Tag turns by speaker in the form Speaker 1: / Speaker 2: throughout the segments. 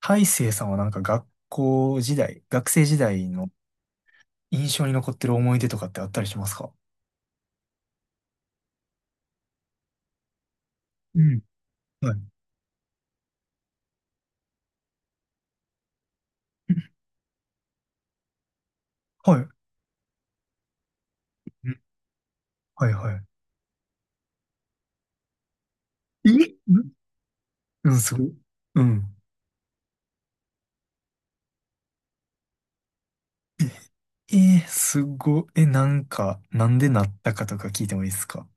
Speaker 1: 大成さんはなんか学校時代、学生時代の印象に残ってる思い出とかってあったりしますか？うん。はい。はい。うん。はいはい。え、うんうん、すごい。うん。え、えーすごい。え、なんか、なんでなったかとか聞いてもいいですか？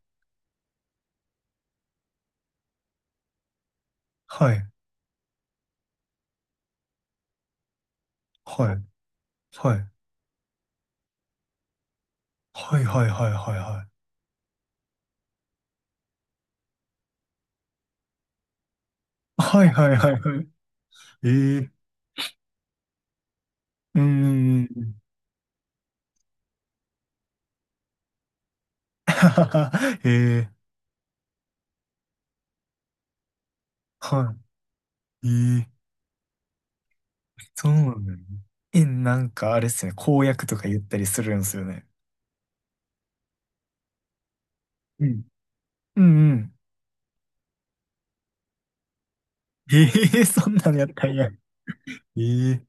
Speaker 1: はい。はい。はい。はいはいはいはいはい。はいはいはいはい。えー、うんうんうん。えー、はい。えー、そうなのよね。え、なんかあれっすよね。公約とか言ったりするんですよね。うん。うんうん。ええー、そんなのやったんや。え、え、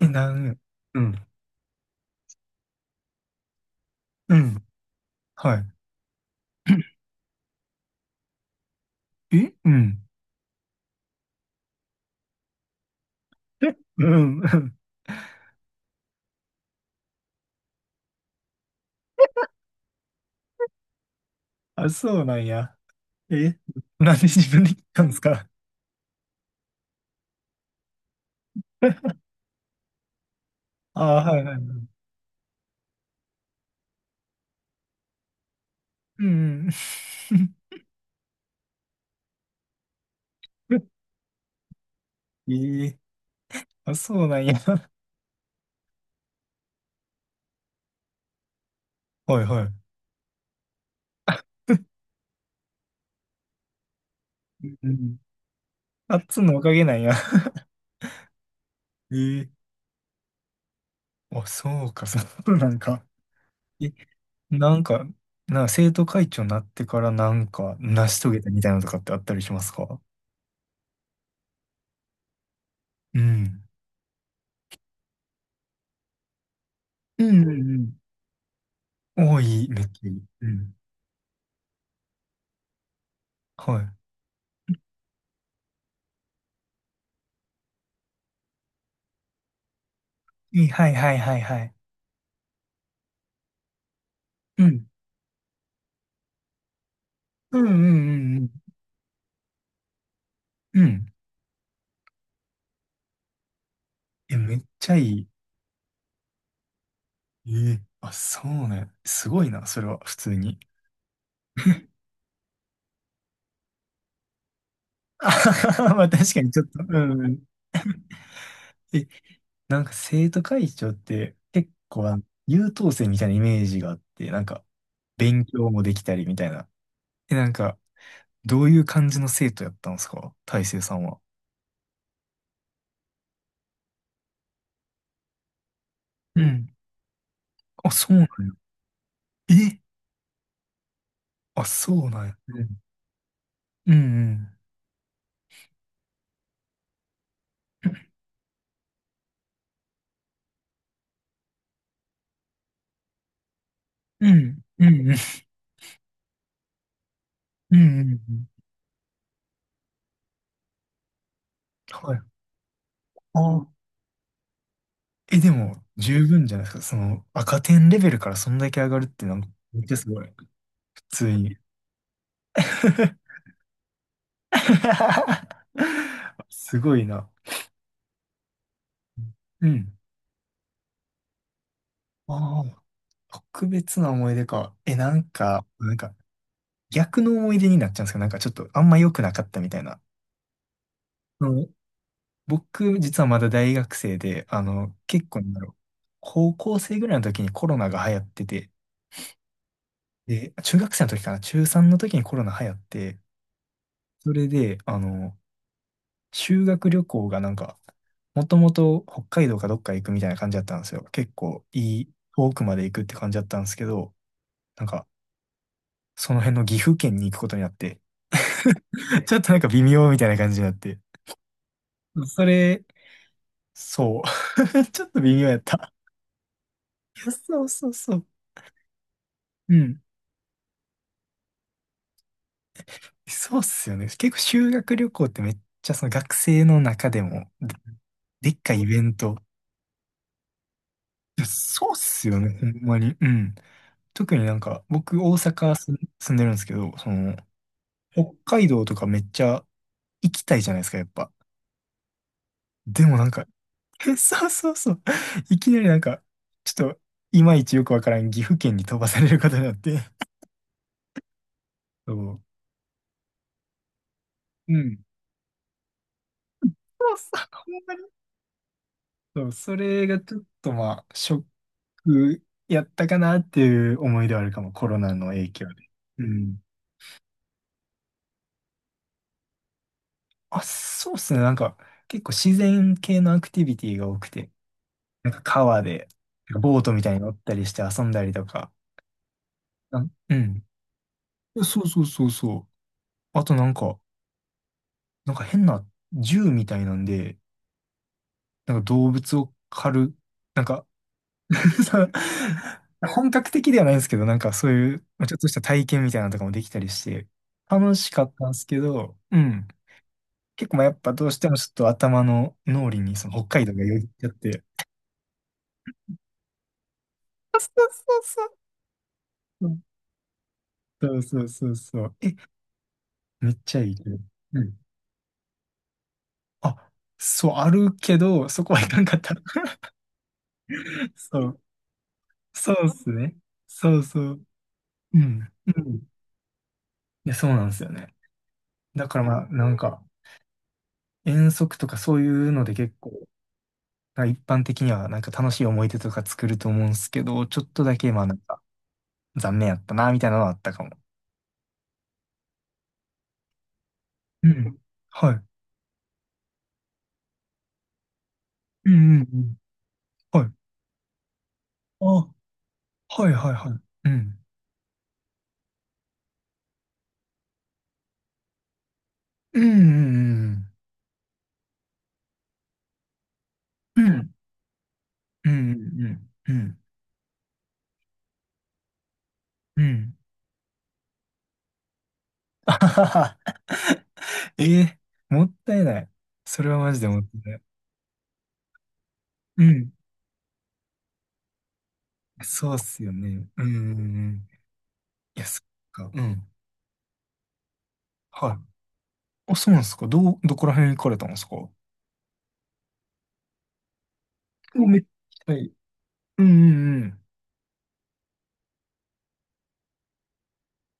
Speaker 1: え、なん、うん。うん。はい。え、うん。え、うんうん。あ、そうなんや。え、なんで自分で聞ったんですか？ ああ、はいはい。うん。うん。ええ、あ、そうなんや。はいはい。うん。あっつんのおかげなんや。ええ、あ、そうか、そうなんか。え、なんか、なんか生徒会長になってからなんか成し遂げたみたいなのとかってあったりしますか？うん。うんうんうん。おー、いい、めっちゃいい。うん。はい、いい、はいはいはいはい。うん。うんうんうん。うん。うん。え、めっちゃいい。えー、あ、そうね。すごいな、それは、普通に。あはは、まあ確かにちょっと。うんうん。え、なんか生徒会長って結構あの優等生みたいなイメージがあって、なんか勉強もできたりみたいな。え、なんかどういう感じの生徒やったんですか大成さんは？うん。あ、そうなんや。え、あ、そうなんや。うんうん。うん。うん。うん。うん。うんうん。はい。あ、え、でも、十分じゃないですか。その、赤点レベルからそんだけ上がるってなんか、めっちゃすごい。普通に。すごいな。うん。ああ、特別な思い出か。え、なんか、なんか、逆の思い出になっちゃうんですか？なんかちょっとあんま良くなかったみたいな。僕、実はまだ大学生で、あの、結構なんだろう。高校生ぐらいの時にコロナが流行ってて、で、中学生の時かな、中3の時にコロナ流行って、それで、あの、修学旅行がなんか、もともと北海道かどっか行くみたいな感じだったんですよ。結構いい、遠くまで行くって感じだったんですけど、なんか、その辺の岐阜県に行くことになって、ちょっとなんか微妙みたいな感じになって、それ、そう。ちょっと微妙やった。いや、そうそうそう。うん。そうっすよね。結構修学旅行ってめっちゃその学生の中でもで、でっかいイベント。いや、そうっすよね、ほんまに。うん。特になんか僕大阪住んでるんですけど、その北海道とかめっちゃ行きたいじゃないですか、やっぱ。でもなんか、え、そうそうそう。いきなりなんか、ちょっといまいちよくわからん岐阜県に飛ばされることになって。そう。うん。ほんまにそう、それがちょっとまあ、ショッくやったかなっていう思い出はあるかも、コロナの影響で。うん。あ、そうっすね。なんか、結構自然系のアクティビティが多くて、なんか川で、なんかボートみたいに乗ったりして遊んだりとか。あ、うん。そうそうそうそう。あとなんか、なんか変な銃みたいなんで、なんか動物を狩る、なんか、 そう、本格的ではないんですけど、なんかそういう、まあちょっとした体験みたいなのとかもできたりして、楽しかったんですけど、うん。結構まあやっぱどうしてもちょっと頭の脳裏にその北海道がよぎっちゃって。あ、そうそうそう。うん。そうそうそうそう。え、めっちゃいいけど。うん、あ、そう、あるけど、そこはいかんかった。そう。そうっすね。そうそう。うん。うん。いや、そうなんですよね。だからまあ、なんか、遠足とかそういうので結構、まあ一般的にはなんか楽しい思い出とか作ると思うんですけど、ちょっとだけまあなんか、残念やったな、みたいなのはあったかも。うん。はい。うんうんうん。はい。あ、はいはいはい。うん。うん。うん。うん。うん。うん。うん。あはは、え、 え、もったいない。それはマジでもったいない。うん。そうっすよね。うん。いや、そっか。うん。はい。あ、そうなんですか。どう、どこら辺行かれたんですか？もうめっちゃいい。うんうんうん。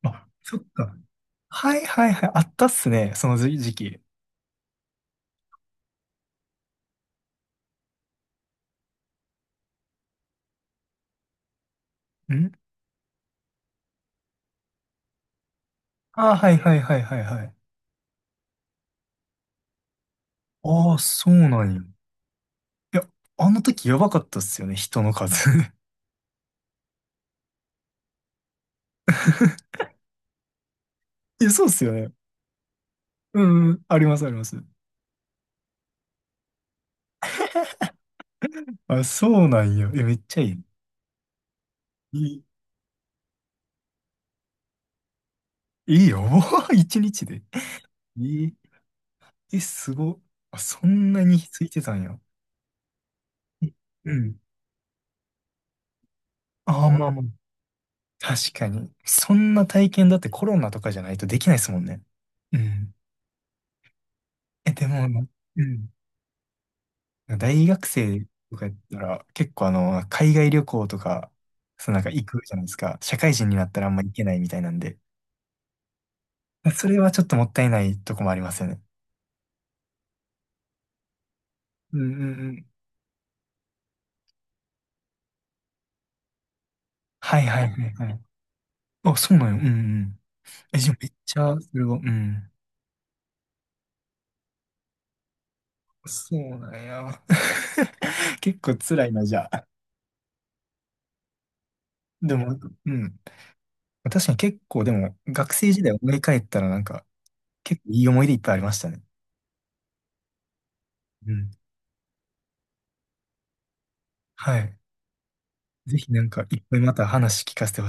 Speaker 1: あ、そっか。はいはいはい。あったっすね。その時時期。ん、あ、はいはいはいはいはい。ああ、そうなんや。いや、あの時やばかったっすよね、人の数。いや、そうっすよね。うんうん、ありますあります。あ、そうなんや。え、めっちゃいい。いい、いいよ。一日で。いい。え、すご。あ、そんなについてたんや。え、うん。ああ、まあまあ。確かに。そんな体験だってコロナとかじゃないとできないですもんね。うん。え、でも、うん。大学生とかやったら、結構あの、海外旅行とか、そうなんか行くじゃないですか。社会人になったらあんま行けないみたいなんで。それはちょっともったいないとこもありますよね。うんうんうん。はいはいはいはい。あ、そうなんよ。うんうん。え、じゃあめっちゃ、それは、うん。そうなんや。結構辛いな、じゃあ。でも、うん。確かに結構、でも、学生時代思い返ったらなんか、結構いい思い出いっぱいありましたね。うん。はい。ぜひなんか、いっぱいまた話聞かせてほしい。